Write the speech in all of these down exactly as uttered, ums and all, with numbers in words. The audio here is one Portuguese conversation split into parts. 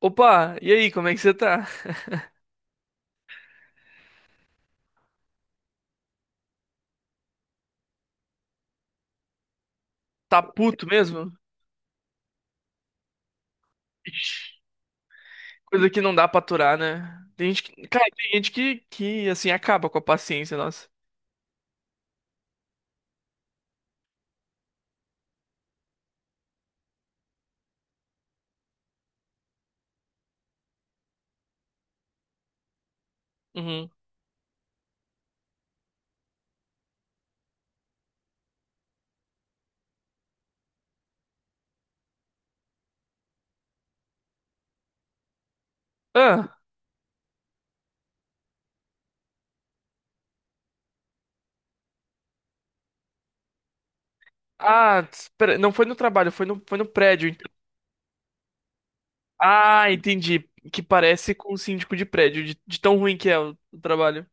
Opa, e aí, como é que você tá? Tá puto mesmo? Ixi. Coisa que não dá pra aturar, né? Tem gente que, cara, tem gente que, que assim acaba com a paciência, nossa. Uhum. Ah, ah, espera, não foi no trabalho, foi no, foi no prédio. ent- Ah, entendi. Que parece com o síndico de prédio, de, de tão ruim que é o, o trabalho.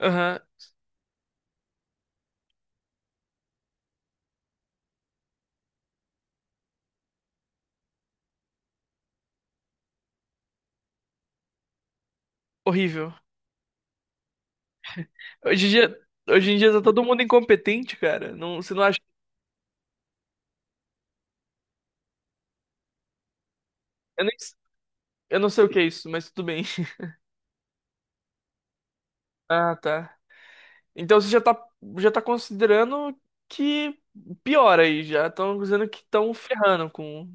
Aham, horrível. Hoje em dia, hoje em dia tá todo mundo incompetente, cara. Não, você não acha? Eu, nem, eu não sei o que é isso, mas tudo bem. Ah, tá. Então você já tá, já tá considerando que piora aí, já estão dizendo que estão ferrando com.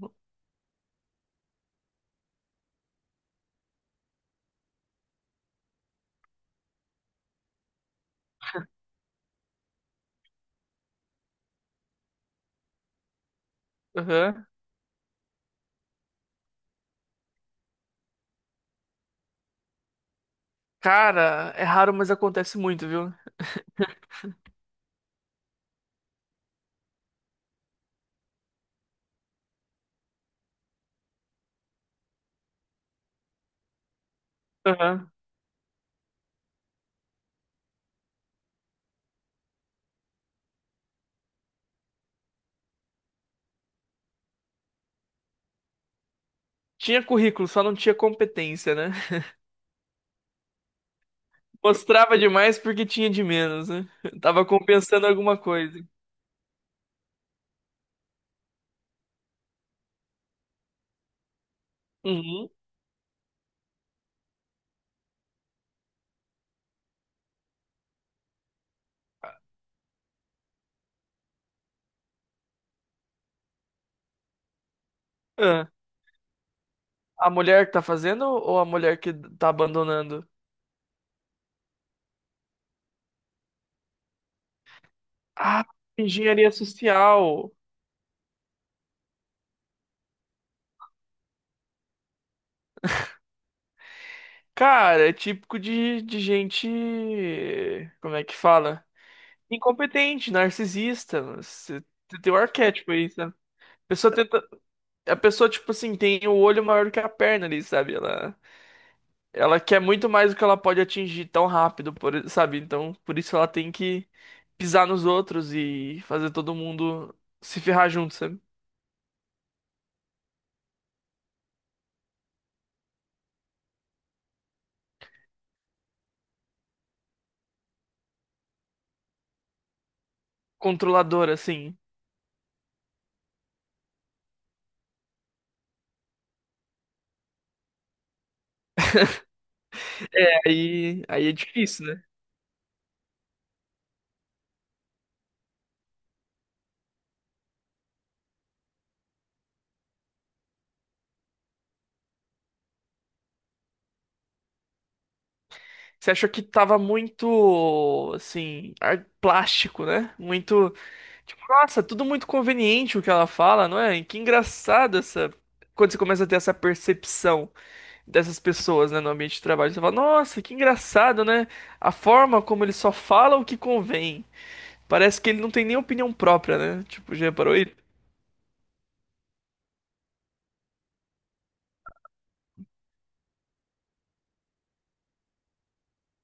Aham. Cara, é raro, mas acontece muito, viu? Aham. Tinha currículo, só não tinha competência, né? Mostrava demais porque tinha de menos, né? Tava compensando alguma coisa. Uhum. Ah, a mulher que tá fazendo ou a mulher que tá abandonando? Ah, engenharia social. Cara, é típico de, de gente. Como é que fala? Incompetente, narcisista. Você você tem o arquétipo aí, sabe? A pessoa tenta, a pessoa, tipo assim, tem o olho maior do que a perna ali, sabe? Ela, ela quer muito mais do que ela pode atingir tão rápido, por, sabe? Então, por isso ela tem que pisar nos outros e fazer todo mundo se ferrar junto, sabe? Controladora, assim. É, aí, aí é difícil, né? Você achou que tava muito, assim, ar- plástico, né? Muito. Tipo, nossa, tudo muito conveniente o que ela fala, não é? E que engraçado essa. Quando você começa a ter essa percepção dessas pessoas, né, no ambiente de trabalho, você fala, nossa, que engraçado, né? A forma como ele só fala o que convém. Parece que ele não tem nem opinião própria, né? Tipo, já reparou isso?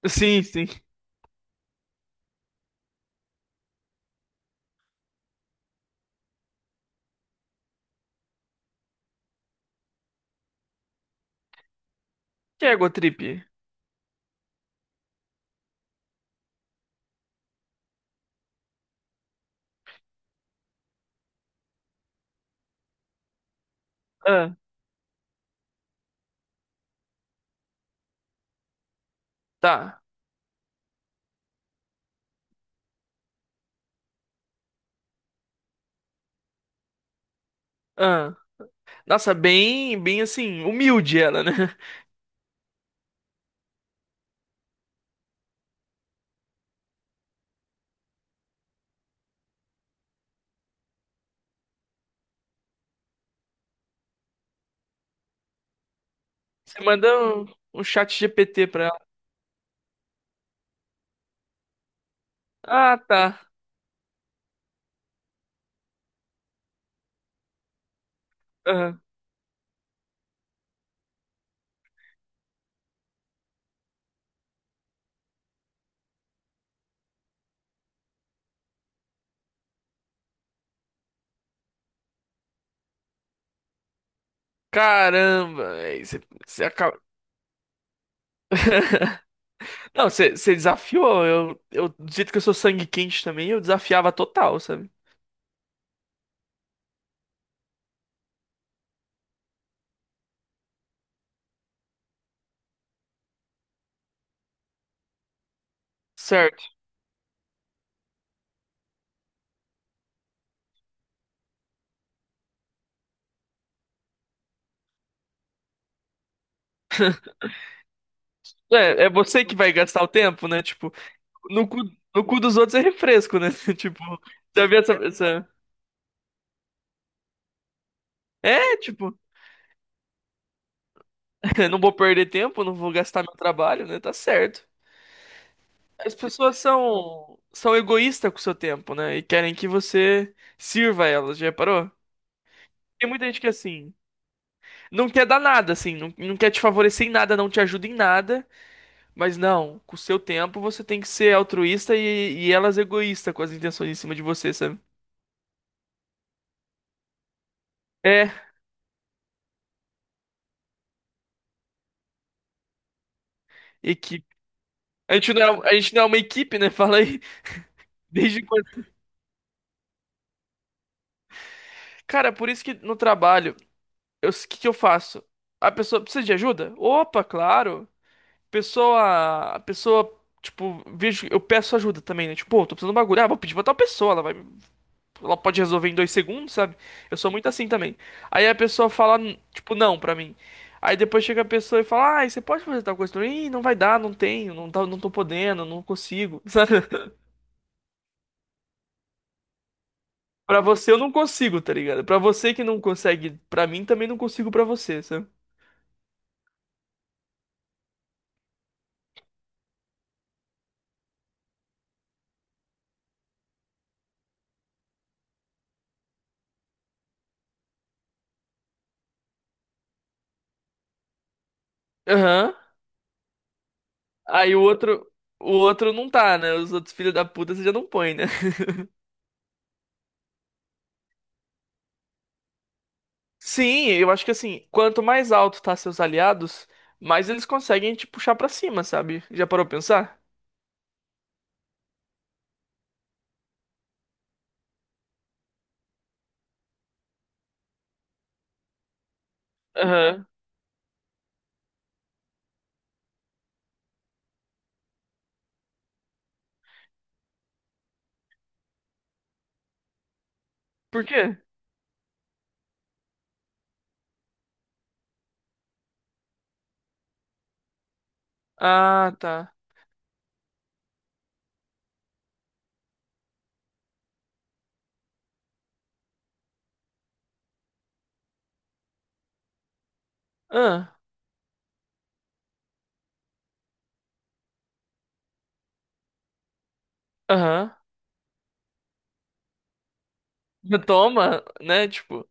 Sim, sim. O que é Gotrip? Ah, tá. Ah. Nossa, bem, bem assim, humilde ela, né? Você manda um, um chat G P T pra ela. Ah, tá. Aham. Caramba, véi, você, você acaba. Não, você, você desafiou. Eu, eu, do jeito que eu sou sangue quente também, eu desafiava total, sabe? Certo. É, é você que vai gastar o tempo, né? Tipo, no cu, no cu dos outros é refresco, né? Tipo, já vi essa, essa... É, tipo, não vou perder tempo, não vou gastar meu trabalho, né? Tá certo. As pessoas são, são egoístas com o seu tempo, né? E querem que você sirva elas, já reparou? Tem muita gente que assim, não quer dar nada, assim, não, não quer te favorecer em nada, não te ajuda em nada, mas não, com o seu tempo você tem que ser altruísta e, e elas egoísta com as intenções em cima de você, sabe? É, equipe. A gente não é, a gente não é uma equipe, né? Fala aí. Desde quando. Cara, por isso que no trabalho, eu, o que que eu faço? A pessoa precisa de ajuda? Opa, claro. Pessoa, a pessoa, tipo, vejo, eu peço ajuda também, né? Tipo, pô, tô precisando de um bagulho. Ah, vou pedir pra tal pessoa, ela vai ela pode resolver em dois segundos, sabe? Eu sou muito assim também. Aí a pessoa fala, tipo, não pra mim. Aí depois chega a pessoa e fala, ah você pode fazer tal coisa? Pra Ih, não vai dar, não tenho, não tá, não tô podendo, não consigo. Sabe? Pra você eu não consigo, tá ligado? Pra você que não consegue, pra mim também não consigo pra você, sabe? Aham. Aí o outro, o outro não tá, né? Os outros filhos da puta você já não põe, né? Sim, eu acho que assim, quanto mais alto tá seus aliados, mais eles conseguem te puxar pra cima, sabe? Já parou pra pensar? Aham. Por quê? Ah, tá. Ah, aham. Toma, né? Tipo,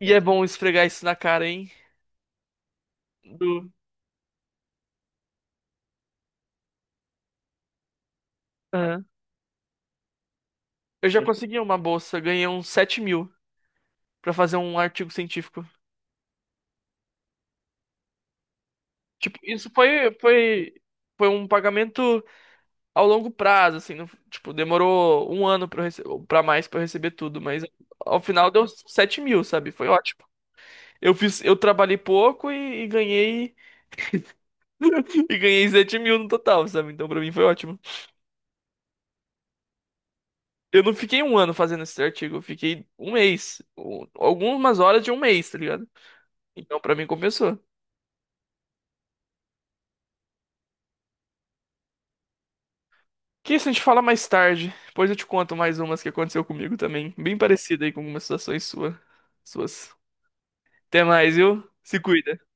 e é bom esfregar isso na cara, hein? Do... Aham. Eu já consegui uma bolsa, ganhei uns sete mil pra fazer um artigo científico. Tipo, isso foi, foi, foi um pagamento ao longo prazo, assim. não- tipo, demorou um ano pra, eu rece- pra mais pra eu receber tudo, mas ao final deu sete mil, sabe? Foi ótimo. Eu fiz, eu trabalhei pouco e, e ganhei, e ganhei sete mil no total, sabe? Então pra mim foi ótimo. Eu não fiquei um ano fazendo esse artigo, eu fiquei um mês. um- Algumas horas de um mês, tá ligado? Então, pra mim, compensou. Que isso a gente fala mais tarde. Depois eu te conto mais umas que aconteceu comigo também. Bem parecida aí com algumas situações sua, suas. Até mais, viu? Se cuida.